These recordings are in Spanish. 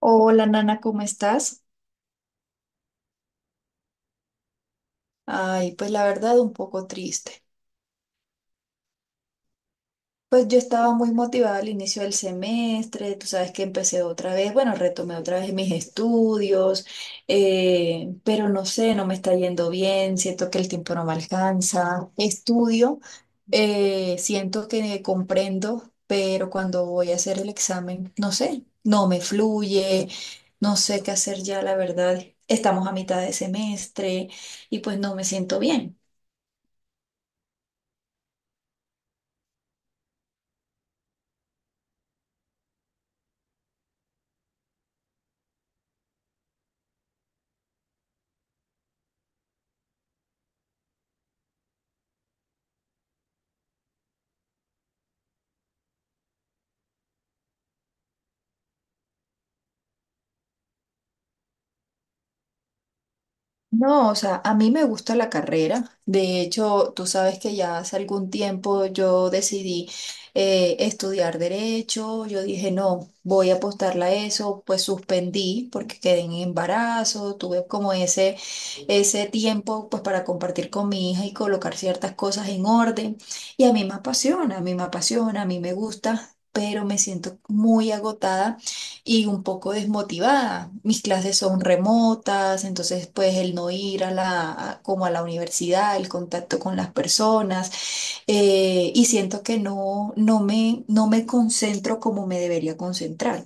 Hola, Nana, ¿cómo estás? Ay, pues la verdad un poco triste. Pues yo estaba muy motivada al inicio del semestre, tú sabes que empecé otra vez, bueno, retomé otra vez mis estudios, pero no sé, no me está yendo bien, siento que el tiempo no me alcanza. Estudio, siento que comprendo, pero cuando voy a hacer el examen, no sé, no me fluye, no sé qué hacer ya, la verdad. Estamos a mitad de semestre y pues no me siento bien. No, o sea, a mí me gusta la carrera. De hecho, tú sabes que ya hace algún tiempo yo decidí estudiar derecho. Yo dije, no, voy a apostarla a eso. Pues suspendí porque quedé en embarazo. Tuve como ese tiempo pues para compartir con mi hija y colocar ciertas cosas en orden. Y a mí me apasiona, a mí me apasiona, a mí me gusta, pero me siento muy agotada y un poco desmotivada. Mis clases son remotas, entonces pues el no ir a como a la universidad, el contacto con las personas, y siento que no, no me concentro como me debería concentrar.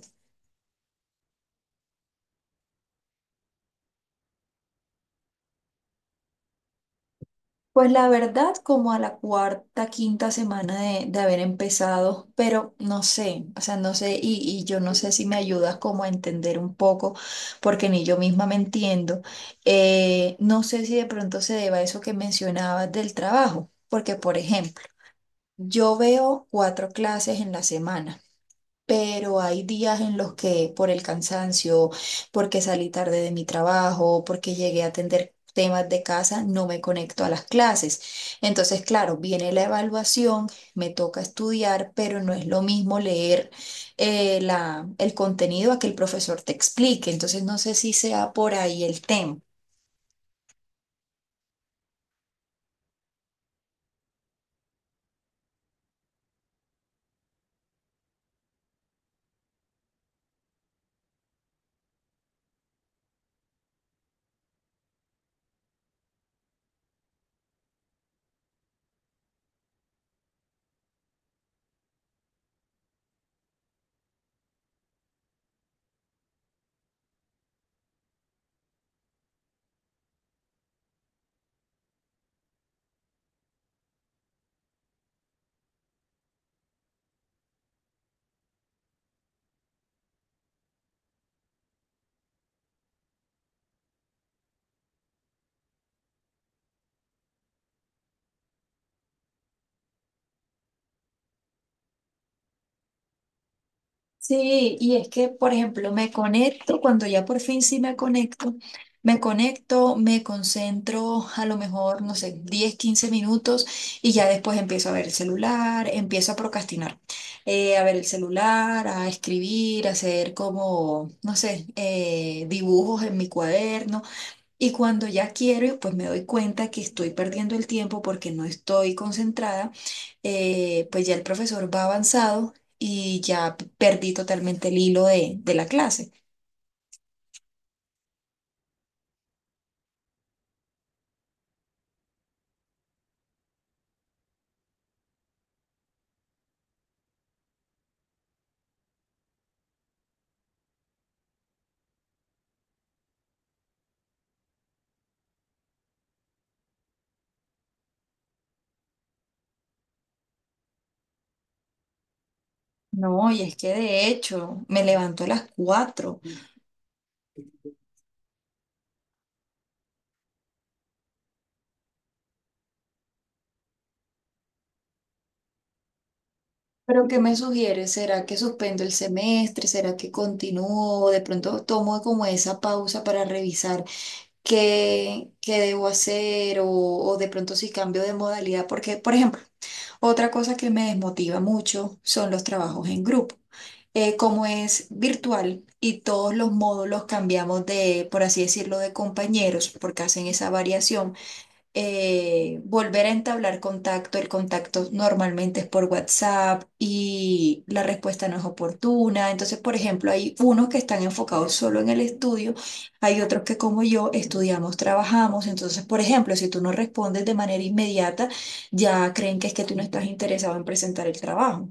Pues la verdad, como a la cuarta, quinta semana de haber empezado, pero no sé, o sea, no sé, y yo no sé si me ayudas como a entender un poco, porque ni yo misma me entiendo. No sé si de pronto se deba a eso que mencionabas del trabajo, porque por ejemplo, yo veo cuatro clases en la semana. Pero hay días en los que por el cansancio, porque salí tarde de mi trabajo, porque llegué a atender temas de casa, no me conecto a las clases. Entonces, claro, viene la evaluación, me toca estudiar, pero no es lo mismo leer el contenido a que el profesor te explique. Entonces, no sé si sea por ahí el tema. Sí, y es que, por ejemplo, me conecto, cuando ya por fin sí me conecto, me conecto, me concentro a lo mejor, no sé, 10, 15 minutos y ya después empiezo a ver el celular, empiezo a procrastinar, a ver el celular, a escribir, a hacer como, no sé, dibujos en mi cuaderno y cuando ya quiero, pues me doy cuenta que estoy perdiendo el tiempo porque no estoy concentrada, pues ya el profesor va avanzado y ya perdí totalmente el hilo de la clase. No, y es que de hecho me levanto a las 4. ¿Pero qué me sugieres? ¿Será que suspendo el semestre? ¿Será que continúo? ¿De pronto tomo como esa pausa para revisar qué debo hacer o de pronto si cambio de modalidad? Porque, por ejemplo, otra cosa que me desmotiva mucho son los trabajos en grupo. Como es virtual y todos los módulos cambiamos de, por así decirlo, de compañeros, porque hacen esa variación. Volver a entablar contacto. El contacto normalmente es por WhatsApp y la respuesta no es oportuna. Entonces, por ejemplo, hay unos que están enfocados solo en el estudio, hay otros que como yo estudiamos, trabajamos. Entonces, por ejemplo, si tú no respondes de manera inmediata, ya creen que es que tú no estás interesado en presentar el trabajo.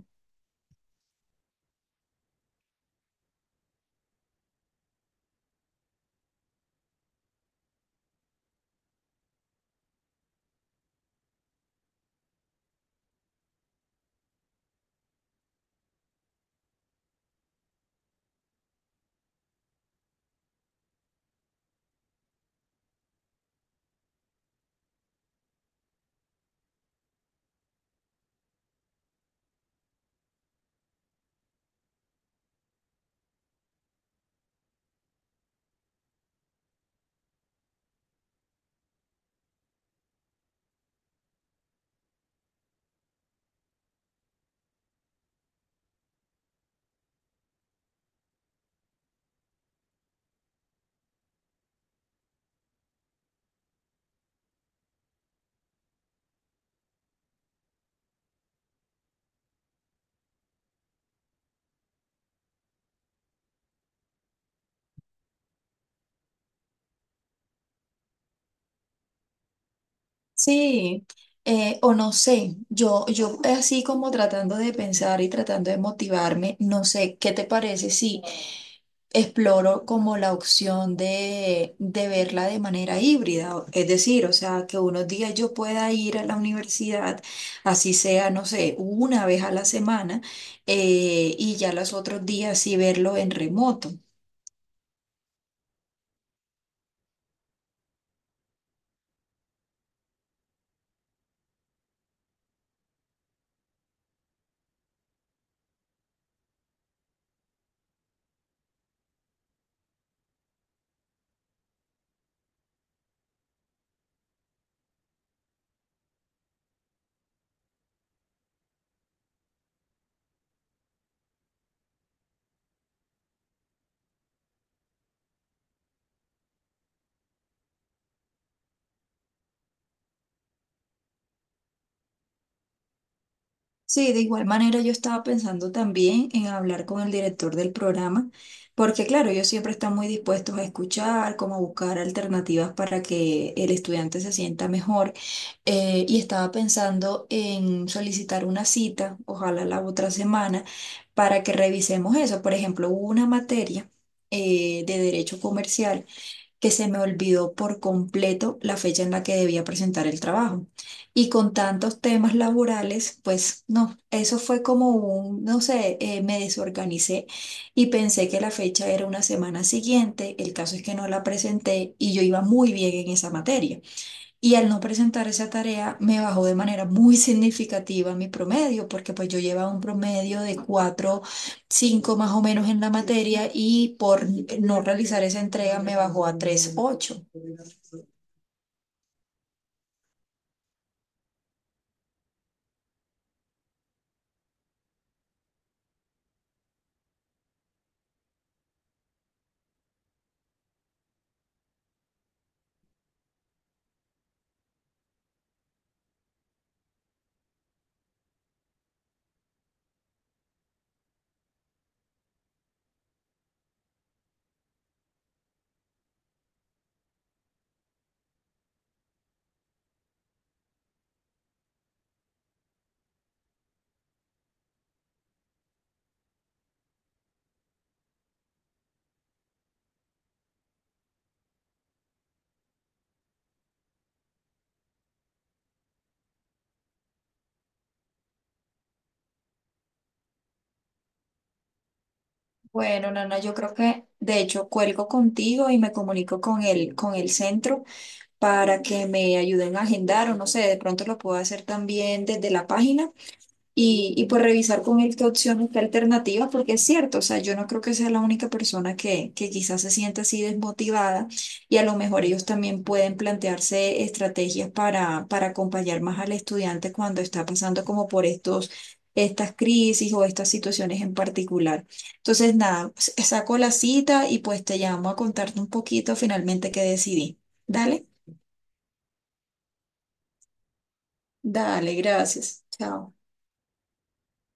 Sí, o no sé, yo así como tratando de pensar y tratando de motivarme, no sé, ¿qué te parece si exploro como la opción de verla de manera híbrida? Es decir, o sea, que unos días yo pueda ir a la universidad, así sea, no sé, una vez a la semana, y ya los otros días sí verlo en remoto. Sí, de igual manera yo estaba pensando también en hablar con el director del programa, porque claro, ellos siempre están muy dispuestos a escuchar, como a buscar alternativas para que el estudiante se sienta mejor. Y estaba pensando en solicitar una cita, ojalá la otra semana, para que revisemos eso. Por ejemplo, hubo una materia de derecho comercial que se me olvidó por completo la fecha en la que debía presentar el trabajo. Y con tantos temas laborales, pues no, eso fue como un, no sé, me desorganicé y pensé que la fecha era una semana siguiente. El caso es que no la presenté y yo iba muy bien en esa materia. Y al no presentar esa tarea me bajó de manera muy significativa mi promedio, porque pues yo llevaba un promedio de 4 5 más o menos en la materia y por no realizar esa entrega me bajó a 3, ocho. Bueno, Nana, yo creo que de hecho cuelgo contigo y me comunico con el, centro para que me ayuden a agendar o no sé, de pronto lo puedo hacer también desde la página. Y pues revisar con él qué opciones, qué alternativas, porque es cierto, o sea, yo no creo que sea la única persona que quizás se sienta así desmotivada y a lo mejor ellos también pueden plantearse estrategias para acompañar más al estudiante cuando está pasando como por estas crisis o estas situaciones en particular. Entonces, nada, saco la cita y pues te llamo a contarte un poquito finalmente qué decidí. Dale, dale, gracias. Chao.